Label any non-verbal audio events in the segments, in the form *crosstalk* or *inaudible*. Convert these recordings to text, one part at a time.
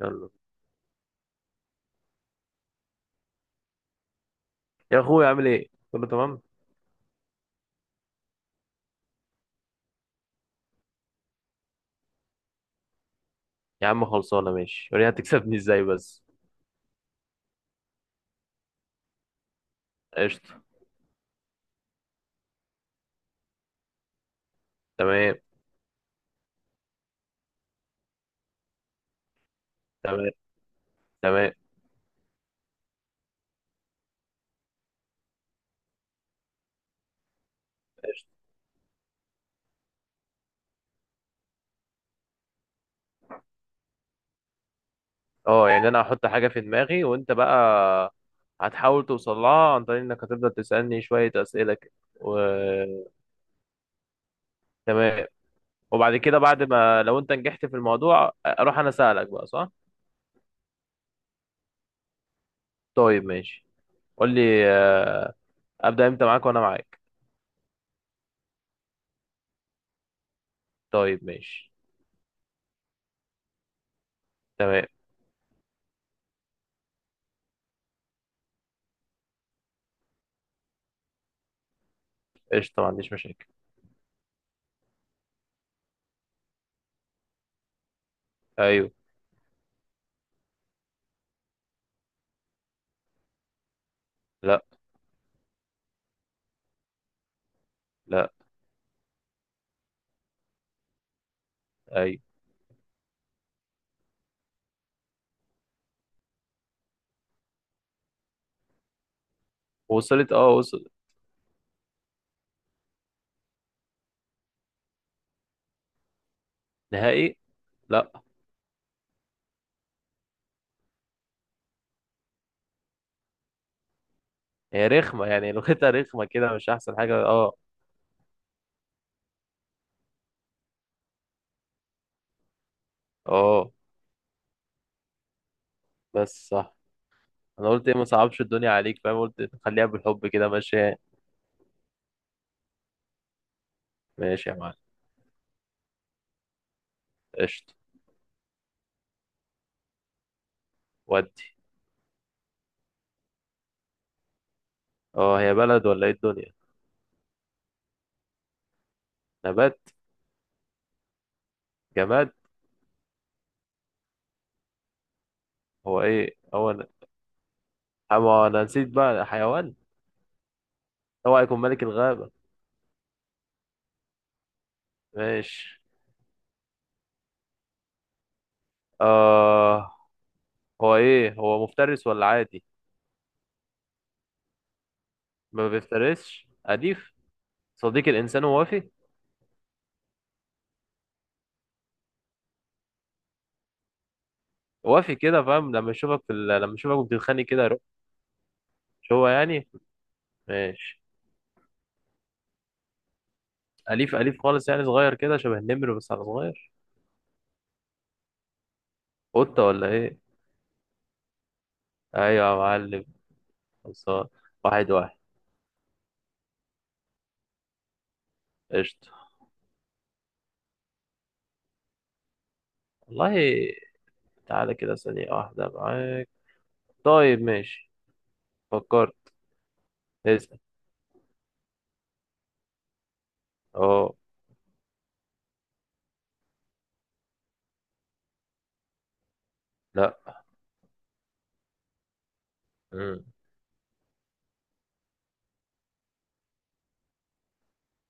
يلا. يا اخويا عامل ايه؟ كله تمام. يا عم خلصانه، ماشي، وريني هتكسبني ازاي بس. قشطه. تمام. تمام. تمام. قشطه. اه يعني انا هحط حاجه في دماغي وانت بقى هتحاول توصل لها عن طريق انك هتفضل تسالني شويه اسئله كده و... تمام، وبعد كده بعد ما لو انت نجحت في الموضوع اروح انا اسالك بقى، صح؟ طيب ماشي. قول لي آه. ابدا امتى، معاك وانا معاك. طيب ماشي. تمام. قشطه، ما عنديش مشاكل. ايوه. لا. لا. ايوه. وصلت، اه وصلت. نهائي؟ لا. هي رخمة يعني، لغتها رخمة كده، مش أحسن حاجة اه. اه بس صح. أنا قلت إيه؟ ما صعبش الدنيا عليك، فاهم؟ قلت خليها بالحب كده ماشي. ماشي يا معلم. قشطة. ودي اه. هي بلد ولا إيه الدنيا؟ نبات؟ جماد؟ هو إيه هو؟ أنا أما أنا نسيت بقى، حيوان. هو هيكون ملك الغابة. ماشي. آه. هو إيه هو، مفترس ولا عادي؟ ما بيفترسش، أليف. صديق الإنسان ووفي. وافي كده، فاهم؟ لما يشوفك في لما يشوفك بتتخانق كده. مش هو يعني. ماشي. أليف أليف خالص يعني، صغير كده شبه النمر بس على صغير. قطة ولا إيه؟ أيوة يا معلم. خلصان. واحد واحد. قشطة. والله. تعالى كده، ثانية واحدة معاك. طيب ماشي. فكرت. اسأل. أه. لأ. مم.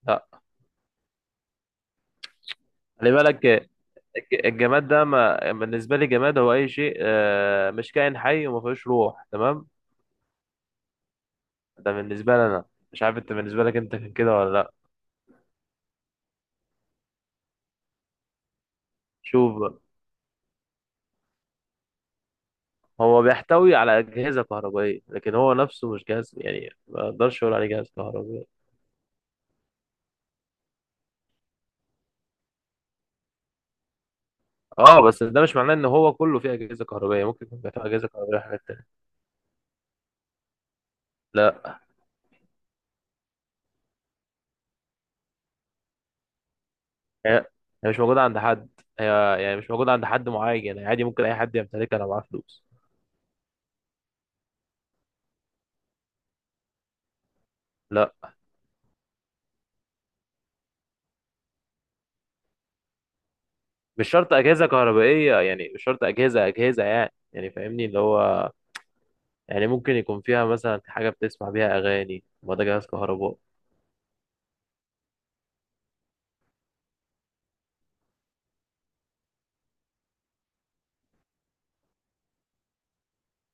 لأ. خلي بالك، الجماد ده ما بالنسبة لي، جماد هو أي شيء آه، مش كائن حي وما فيهوش روح، تمام؟ ده بالنسبة لي أنا. مش عارف أنت بالنسبة لك أنت كان كده ولا لأ. شوف بقى. هو بيحتوي على أجهزة كهربائية، لكن هو نفسه مش جهاز، يعني ما أقدرش أقول عليه جهاز كهربائي. أه، بس ده مش معناه إن هو كله فيه أجهزة كهربائية، ممكن يكون فيه أجهزة كهربائية، حاجات تانية. لا. هي، هي مش موجودة عند حد. هي، يعني مش موجودة عند حد معين يعني، عادي ممكن أي حد يمتلكها لو معاه فلوس. لا، مش شرط أجهزة كهربائية، يعني مش شرط أجهزة يعني، يعني فاهمني اللي هو. يعني ممكن يكون فيها مثلا حاجة بتسمع بيها أغاني، ما ده جهاز كهربائي.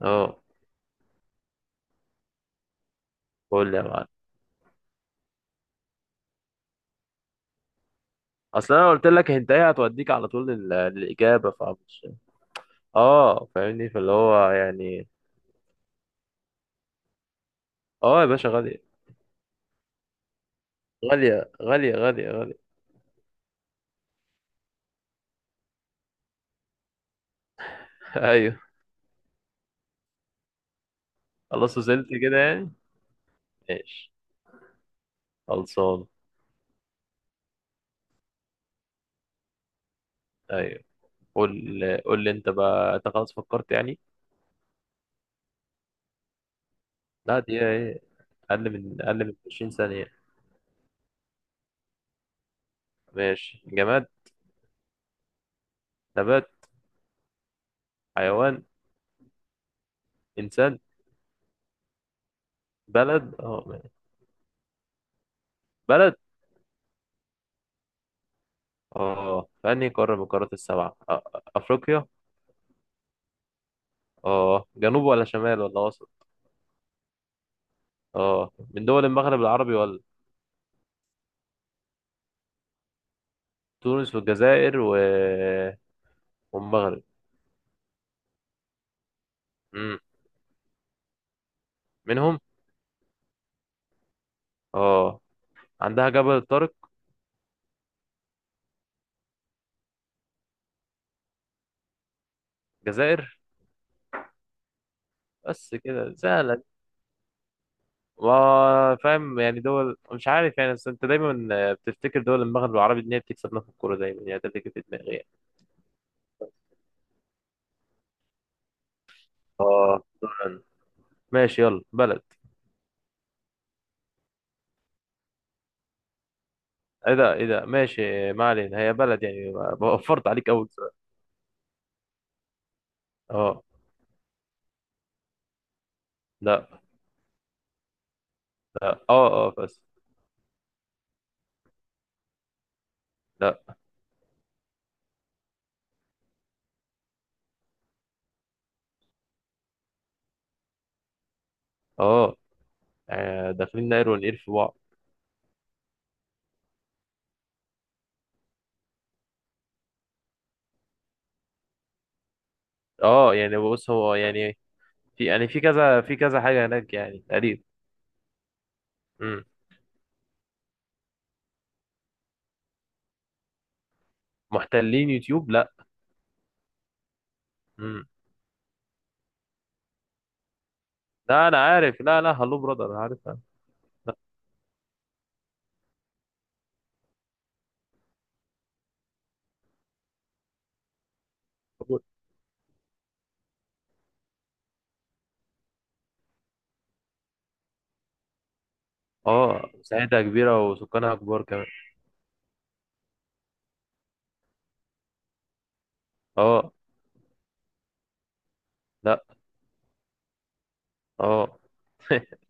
أه. قول لي يا معلم. اصل انا قلت لك انت ايه، هتوديك على طول للاجابه، فمش. اه فاهمني، فاللي هو يعني. اه يا باشا، غاليه. غاليه غاليه غاليه غاليه *laughs* ايوه. خلاص وصلت كده يعني. ماشي خلصان. ايوه. قول. قول لي انت بقى، انت خلاص فكرت يعني؟ لا، دي ايه، اقل من 20 ثانيه. ماشي. جماد؟ نبات؟ حيوان؟ انسان؟ بلد، اه ماشي. بلد اه. في انهي قاره من القارات السبعه؟ آه، افريقيا. اه جنوب ولا شمال ولا وسط؟ اه من دول المغرب العربي ولا؟ تونس والجزائر والمغرب. امم. منهم. اه عندها جبل الطارق. جزائر. بس كده سهلة. ما فاهم يعني، دول مش عارف يعني، بس انت دايما بتفتكر دول المغرب العربي ان هي بتكسبنا في الكورة دايما يعني، ده اللي جه في دماغي يعني. اه دول. ماشي يلا. بلد. ايه ده، ايه ده ماشي، ما علينا، هي بلد يعني *laughs* وفرت عليك اول سؤال. اه. لا. لا. اه اه بس. لا. اه. آه، داخلين نقر ونقير في بعض. اه يعني بص، هو يعني في يعني، في كذا حاجة هناك يعني تقريبا. امم. محتلين يوتيوب؟ لا. امم. لا انا عارف، لا لا، هلو برادر انا عارفها. لا. موجود. اه مساحتها كبيرة وسكانها كبار كمان. اه. لا. اه. *laughs*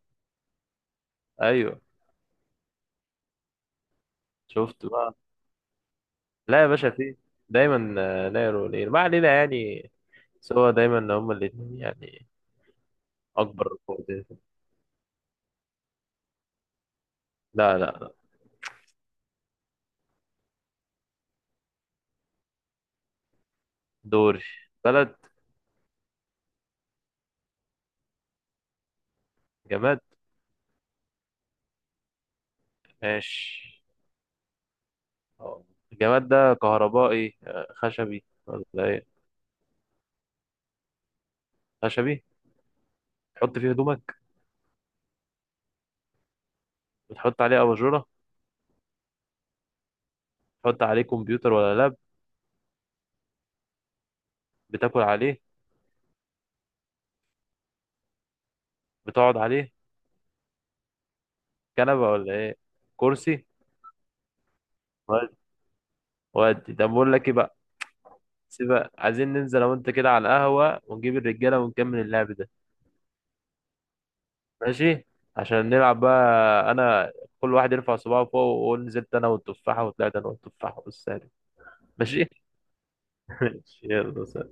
ايوه. شفت بقى. لا يا باشا، في. دايما آه، نايرو وليل، ما علينا يعني. سوا دايما هما الاتنين يعني. اكبر قوتين. لا لا لا. دوري. بلد. جماد. ماشي. اه الجماد ده كهربائي، آه، خشبي ولا ايه؟ خشبي. تحط فيه هدومك؟ بتحط عليه اباجوره؟ تحط عليه كمبيوتر ولا لاب؟ بتاكل عليه؟ بتقعد عليه؟ كنبه ولا ايه؟ كرسي. ودي. ودي، طب بقول لك ايه بقى. سيبك، عايزين ننزل انا وانت كده على القهوه ونجيب الرجاله ونكمل اللعب ده. ماشي. عشان نلعب بقى. انا، كل واحد يرفع صباعه فوق ويقول، نزلت انا والتفاحه وطلعت انا والتفاحه والسالب. ماشي. *laughs* ماشي يلا.